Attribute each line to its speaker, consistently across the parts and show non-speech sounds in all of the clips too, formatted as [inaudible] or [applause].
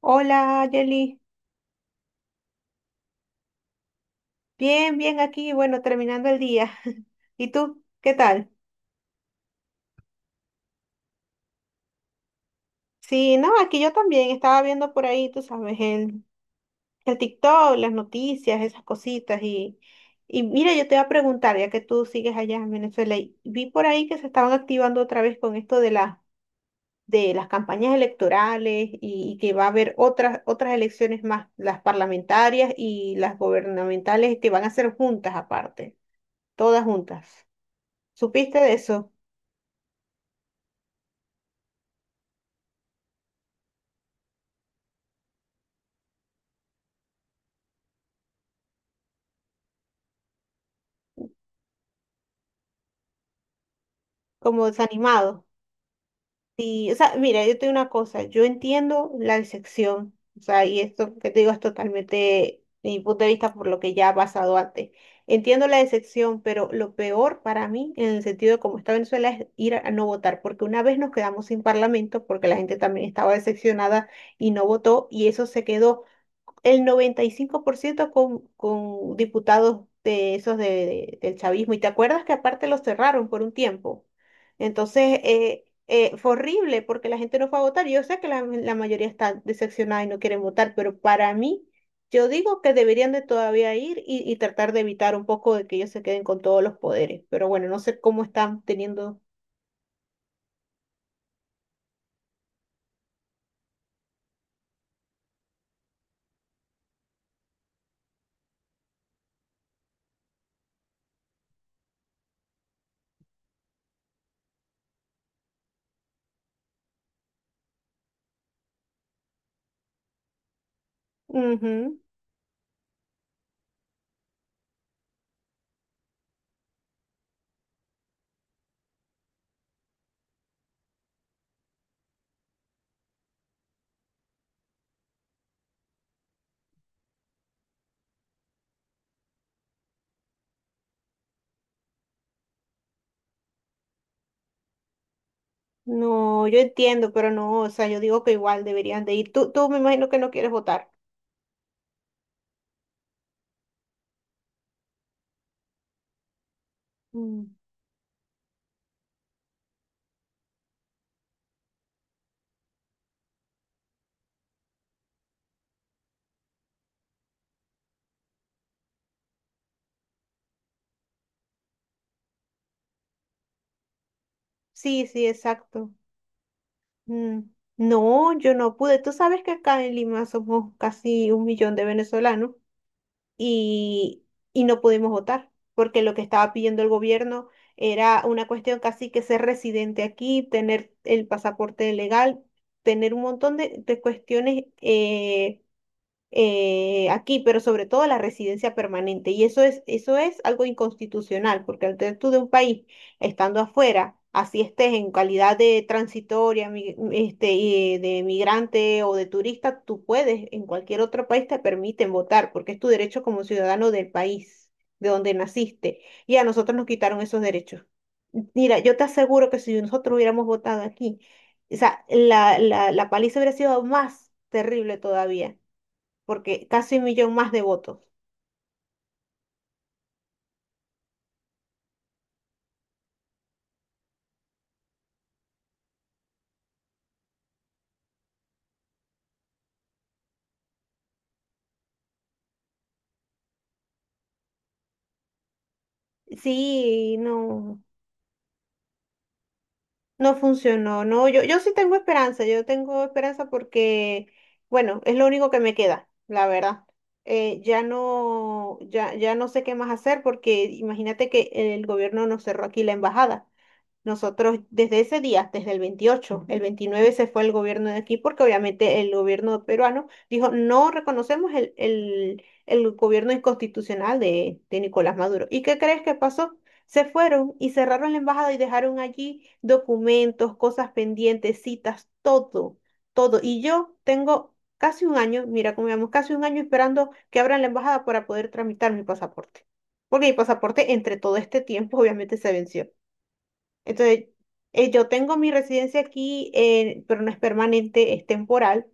Speaker 1: Hola, Yeli. Bien, bien aquí, bueno, terminando el día. [laughs] ¿Y tú? ¿Qué tal? Sí, no, aquí yo también estaba viendo por ahí, tú sabes, el TikTok, las noticias, esas cositas. Y mira, yo te voy a preguntar, ya que tú sigues allá en Venezuela, y vi por ahí que se estaban activando otra vez con esto de las campañas electorales y que va a haber otras elecciones más, las parlamentarias y las gubernamentales que van a ser juntas aparte, todas juntas. ¿Supiste de eso? Como desanimado. Y, o sea, mira, yo te una cosa, yo entiendo la decepción, o sea, y esto que te digo es totalmente de mi punto de vista por lo que ya ha pasado antes. Entiendo la decepción, pero lo peor para mí, en el sentido de cómo está Venezuela, es ir a no votar, porque una vez nos quedamos sin parlamento, porque la gente también estaba decepcionada y no votó, y eso se quedó el 95% con diputados de esos del chavismo. Y te acuerdas que aparte los cerraron por un tiempo. Entonces, fue horrible porque la gente no fue a votar. Yo sé que la mayoría está decepcionada y no quieren votar, pero para mí, yo digo que deberían de todavía ir y tratar de evitar un poco de que ellos se queden con todos los poderes. Pero bueno, no sé cómo están teniendo. Ujú. No, yo entiendo, pero no, o sea, yo digo que igual deberían de ir. Tú me imagino que no quieres votar. Mm. Sí, sí, exacto. Mm. No, yo no pude. Tú sabes que acá en Lima somos casi un millón de venezolanos y, y no pudimos votar porque lo que estaba pidiendo el gobierno era una cuestión casi que ser residente aquí, tener el pasaporte legal, tener un montón de cuestiones aquí, pero sobre todo la residencia permanente. Y eso es algo inconstitucional, porque al ser tú de un país estando afuera, así estés en calidad de transitoria, este, y de migrante o de turista, tú puedes, en cualquier otro país te permiten votar, porque es tu derecho como ciudadano del país de donde naciste. Y a nosotros nos quitaron esos derechos. Mira, yo te aseguro que si nosotros hubiéramos votado aquí, o sea, la, la paliza hubiera sido más terrible todavía porque casi un millón más de votos. Sí, no, no funcionó, no, yo sí tengo esperanza, yo tengo esperanza porque, bueno, es lo único que me queda, la verdad. Ya no, ya no sé qué más hacer porque imagínate que el gobierno nos cerró aquí la embajada. Nosotros desde ese día, desde el 28, el 29 se fue el gobierno de aquí porque obviamente el gobierno peruano dijo no reconocemos el, el gobierno inconstitucional de Nicolás Maduro. ¿Y qué crees que pasó? Se fueron y cerraron la embajada y dejaron allí documentos, cosas pendientes, citas, todo, todo. Y yo tengo casi un año, mira cómo vamos, casi un año esperando que abran la embajada para poder tramitar mi pasaporte. Porque mi pasaporte entre todo este tiempo obviamente se venció. Entonces, yo tengo mi residencia aquí, pero no es permanente, es temporal.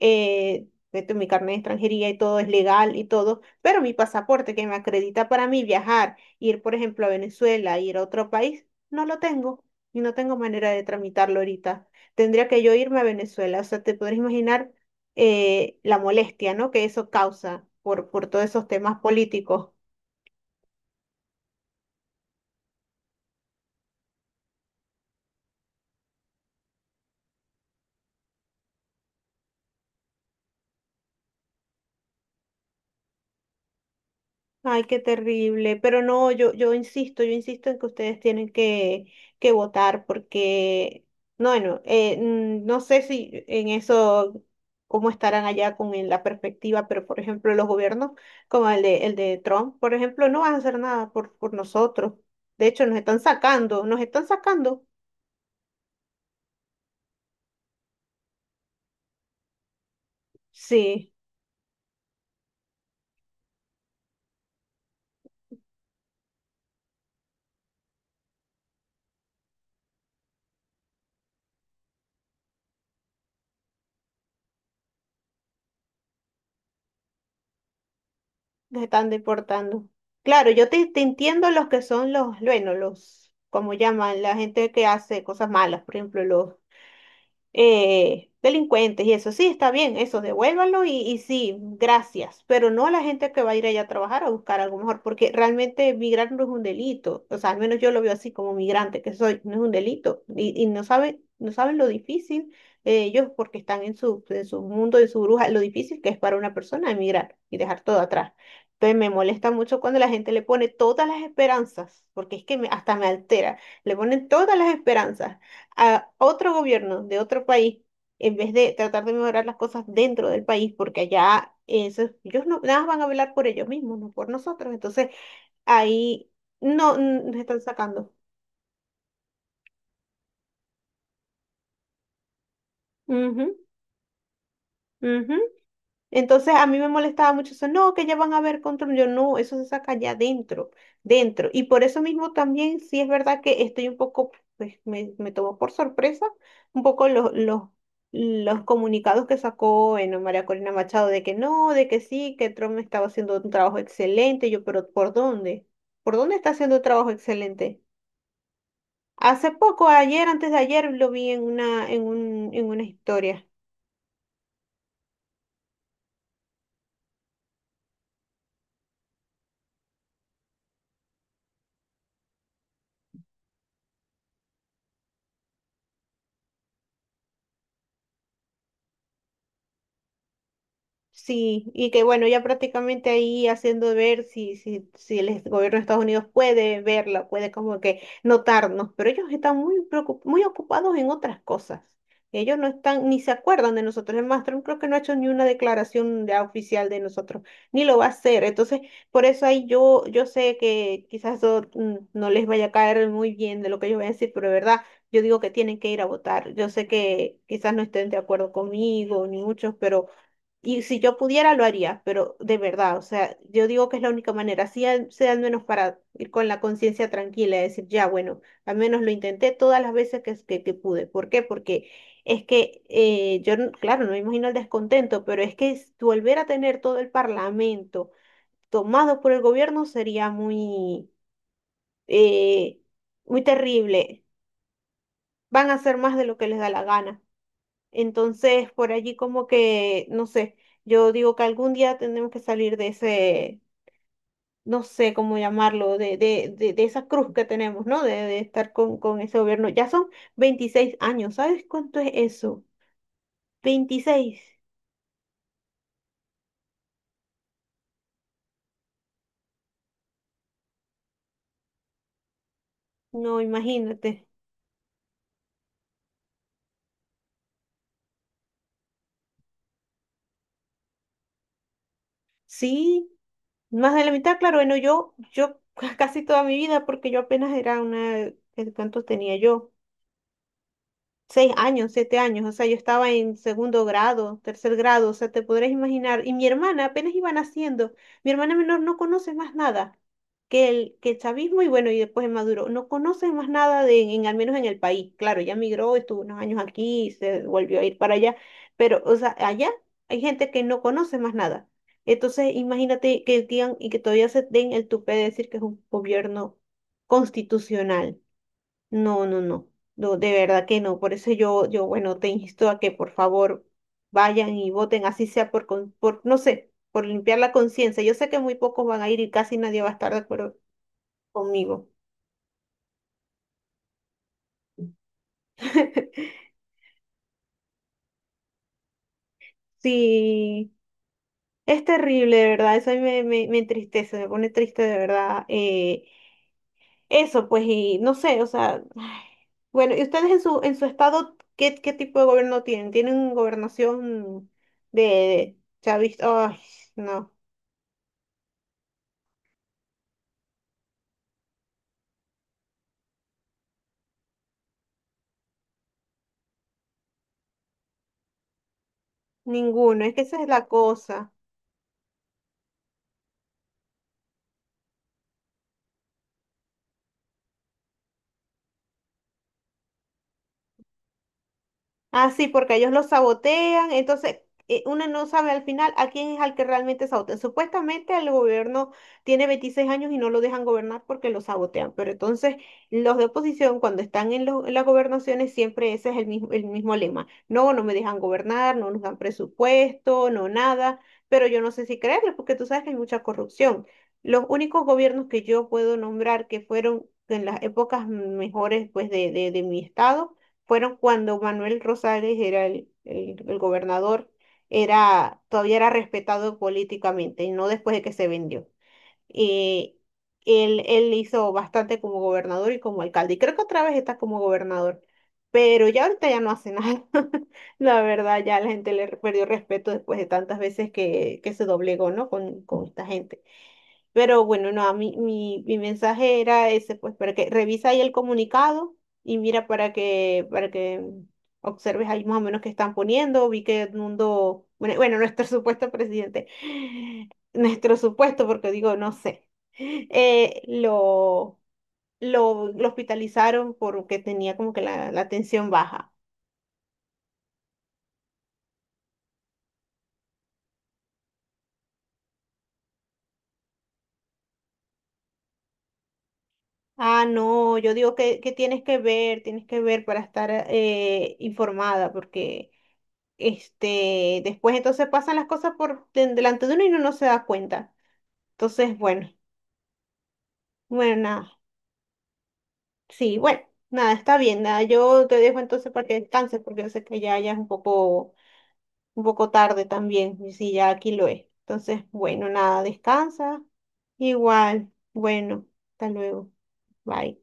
Speaker 1: Esto, mi carnet de extranjería y todo es legal y todo, pero mi pasaporte que me acredita para mí viajar, ir, por ejemplo, a Venezuela, ir a otro país, no lo tengo y no tengo manera de tramitarlo ahorita. Tendría que yo irme a Venezuela, o sea, te podrás imaginar la molestia, ¿no?, que eso causa por todos esos temas políticos. Ay, qué terrible. Pero no, yo, yo insisto en que ustedes tienen que votar porque, no, bueno, no sé si en eso, cómo estarán allá con la perspectiva, pero por ejemplo, los gobiernos como el de Trump, por ejemplo, no van a hacer nada por nosotros. De hecho, nos están sacando, nos están sacando. Sí, nos están deportando. Claro, yo te, te entiendo los que son los, bueno, los, como llaman, la gente que hace cosas malas, por ejemplo, los delincuentes y eso. Sí, está bien, eso, devuélvanlo y sí, gracias, pero no a la gente que va a ir allá a trabajar a buscar algo mejor, porque realmente migrar no es un delito, o sea, al menos yo lo veo así como migrante que soy, no es un delito y no saben, no saben lo difícil ellos porque están en su mundo, en su bruja, lo difícil que es para una persona emigrar y dejar todo atrás. Entonces me molesta mucho cuando la gente le pone todas las esperanzas, porque es que hasta me altera, le ponen todas las esperanzas a otro gobierno de otro país en vez de tratar de mejorar las cosas dentro del país, porque allá ellos no, nada más van a velar por ellos mismos, no por nosotros. Entonces ahí no, nos están sacando. Ujú, ujú. Entonces a mí me molestaba mucho eso, no, que ya van a ver control, yo no, eso se saca ya dentro, dentro. Y por eso mismo también sí es verdad que estoy un poco, pues me tomó por sorpresa un poco los, los comunicados que sacó, bueno, María Corina Machado, de que no, de que sí, que Trump estaba haciendo un trabajo excelente, yo, pero ¿por dónde? ¿Por dónde está haciendo un trabajo excelente? Hace poco, ayer, antes de ayer, lo vi en una, en una historia. Sí, y que bueno, ya prácticamente ahí haciendo ver si, si el gobierno de Estados Unidos puede verla, puede como que notarnos, pero ellos están muy ocupados en otras cosas. Ellos no están, ni se acuerdan de nosotros. El más, Trump creo que no ha hecho ni una declaración ya oficial de nosotros, ni lo va a hacer. Entonces, por eso ahí yo, yo sé que quizás eso, no les vaya a caer muy bien de lo que ellos van a decir, pero de verdad, yo digo que tienen que ir a votar. Yo sé que quizás no estén de acuerdo conmigo, ni muchos, pero, y si yo pudiera, lo haría, pero de verdad, o sea, yo digo que es la única manera, así sea al menos para ir con la conciencia tranquila y decir, ya, bueno, al menos lo intenté todas las veces que pude. ¿Por qué? Porque es que yo, claro, no me imagino el descontento, pero es que volver a tener todo el parlamento tomado por el gobierno sería eh, muy terrible. Van a hacer más de lo que les da la gana. Entonces, por allí como que, no sé, yo digo que algún día tenemos que salir de ese, no sé cómo llamarlo, de esa cruz que tenemos, ¿no? De estar con ese gobierno. Ya son 26 años, ¿sabes cuánto es eso? 26. No, imagínate. Sí, más de la mitad, claro, bueno, yo [laughs] casi toda mi vida, porque yo apenas era una, ¿cuántos tenía yo? 6 años, 7 años, o sea, yo estaba en segundo grado, tercer grado, o sea, te podrás imaginar. Y mi hermana apenas iba naciendo, mi hermana menor no conoce más nada que el, que el chavismo y bueno, y después el Maduro, no conoce más nada al menos en el país. Claro, ya migró, estuvo unos años aquí, se volvió a ir para allá, pero, o sea, allá hay gente que no conoce más nada. Entonces, imagínate que digan y que todavía se den el tupé de decir que es un gobierno constitucional. No, no, no, no, de verdad que no. Por eso yo, bueno, te insto a que por favor vayan y voten, así sea por, no sé, por limpiar la conciencia. Yo sé que muy pocos van a ir y casi nadie va a estar de acuerdo conmigo. [laughs] Sí, es terrible, de verdad, eso a mí me, me entristece, me pone triste de verdad. Eso, pues, y no sé, o sea, ay. Bueno, ¿y ustedes en su estado qué tipo de gobierno tienen? ¿Tienen gobernación de chavista? Ay, no. Ninguno, es que esa es la cosa. Ah, sí, porque ellos lo sabotean, entonces uno no sabe al final a quién es al que realmente sabotean. Supuestamente el gobierno tiene 26 años y no lo dejan gobernar porque lo sabotean, pero entonces los de oposición cuando están en las gobernaciones siempre ese es el mismo lema. No, no me dejan gobernar, no nos dan presupuesto, no nada, pero yo no sé si creerles porque tú sabes que hay mucha corrupción. Los únicos gobiernos que yo puedo nombrar que fueron en las épocas mejores pues de mi estado fueron cuando Manuel Rosales era el gobernador, era, todavía era respetado políticamente, y no después de que se vendió. Eh, él hizo bastante como gobernador y como alcalde, y creo que otra vez está como gobernador, pero ya ahorita ya no hace nada. [laughs] La verdad, ya la gente le perdió respeto después de tantas veces que se doblegó, ¿no? Con esta gente. Pero bueno, no, a mí, mi mensaje era ese, pues, para que revisa ahí el comunicado y mira para que observes ahí más o menos qué están poniendo. Vi que Edmundo, bueno, bueno, [laughs] nuestro supuesto presidente, nuestro supuesto, porque digo, no sé, eh, lo, lo hospitalizaron porque tenía como que la tensión baja. Ah, no, yo digo que tienes que ver para estar, informada, porque. Este, después entonces pasan las cosas por delante de uno y uno no se da cuenta. Entonces, bueno, bueno, nada. Sí, bueno, nada, está bien, nada. Yo te dejo entonces para que descanses, porque yo sé que ya, ya es un poco tarde también, y sí, ya aquí lo es. Entonces, bueno, nada, descansa. Igual, bueno, hasta luego. Bye.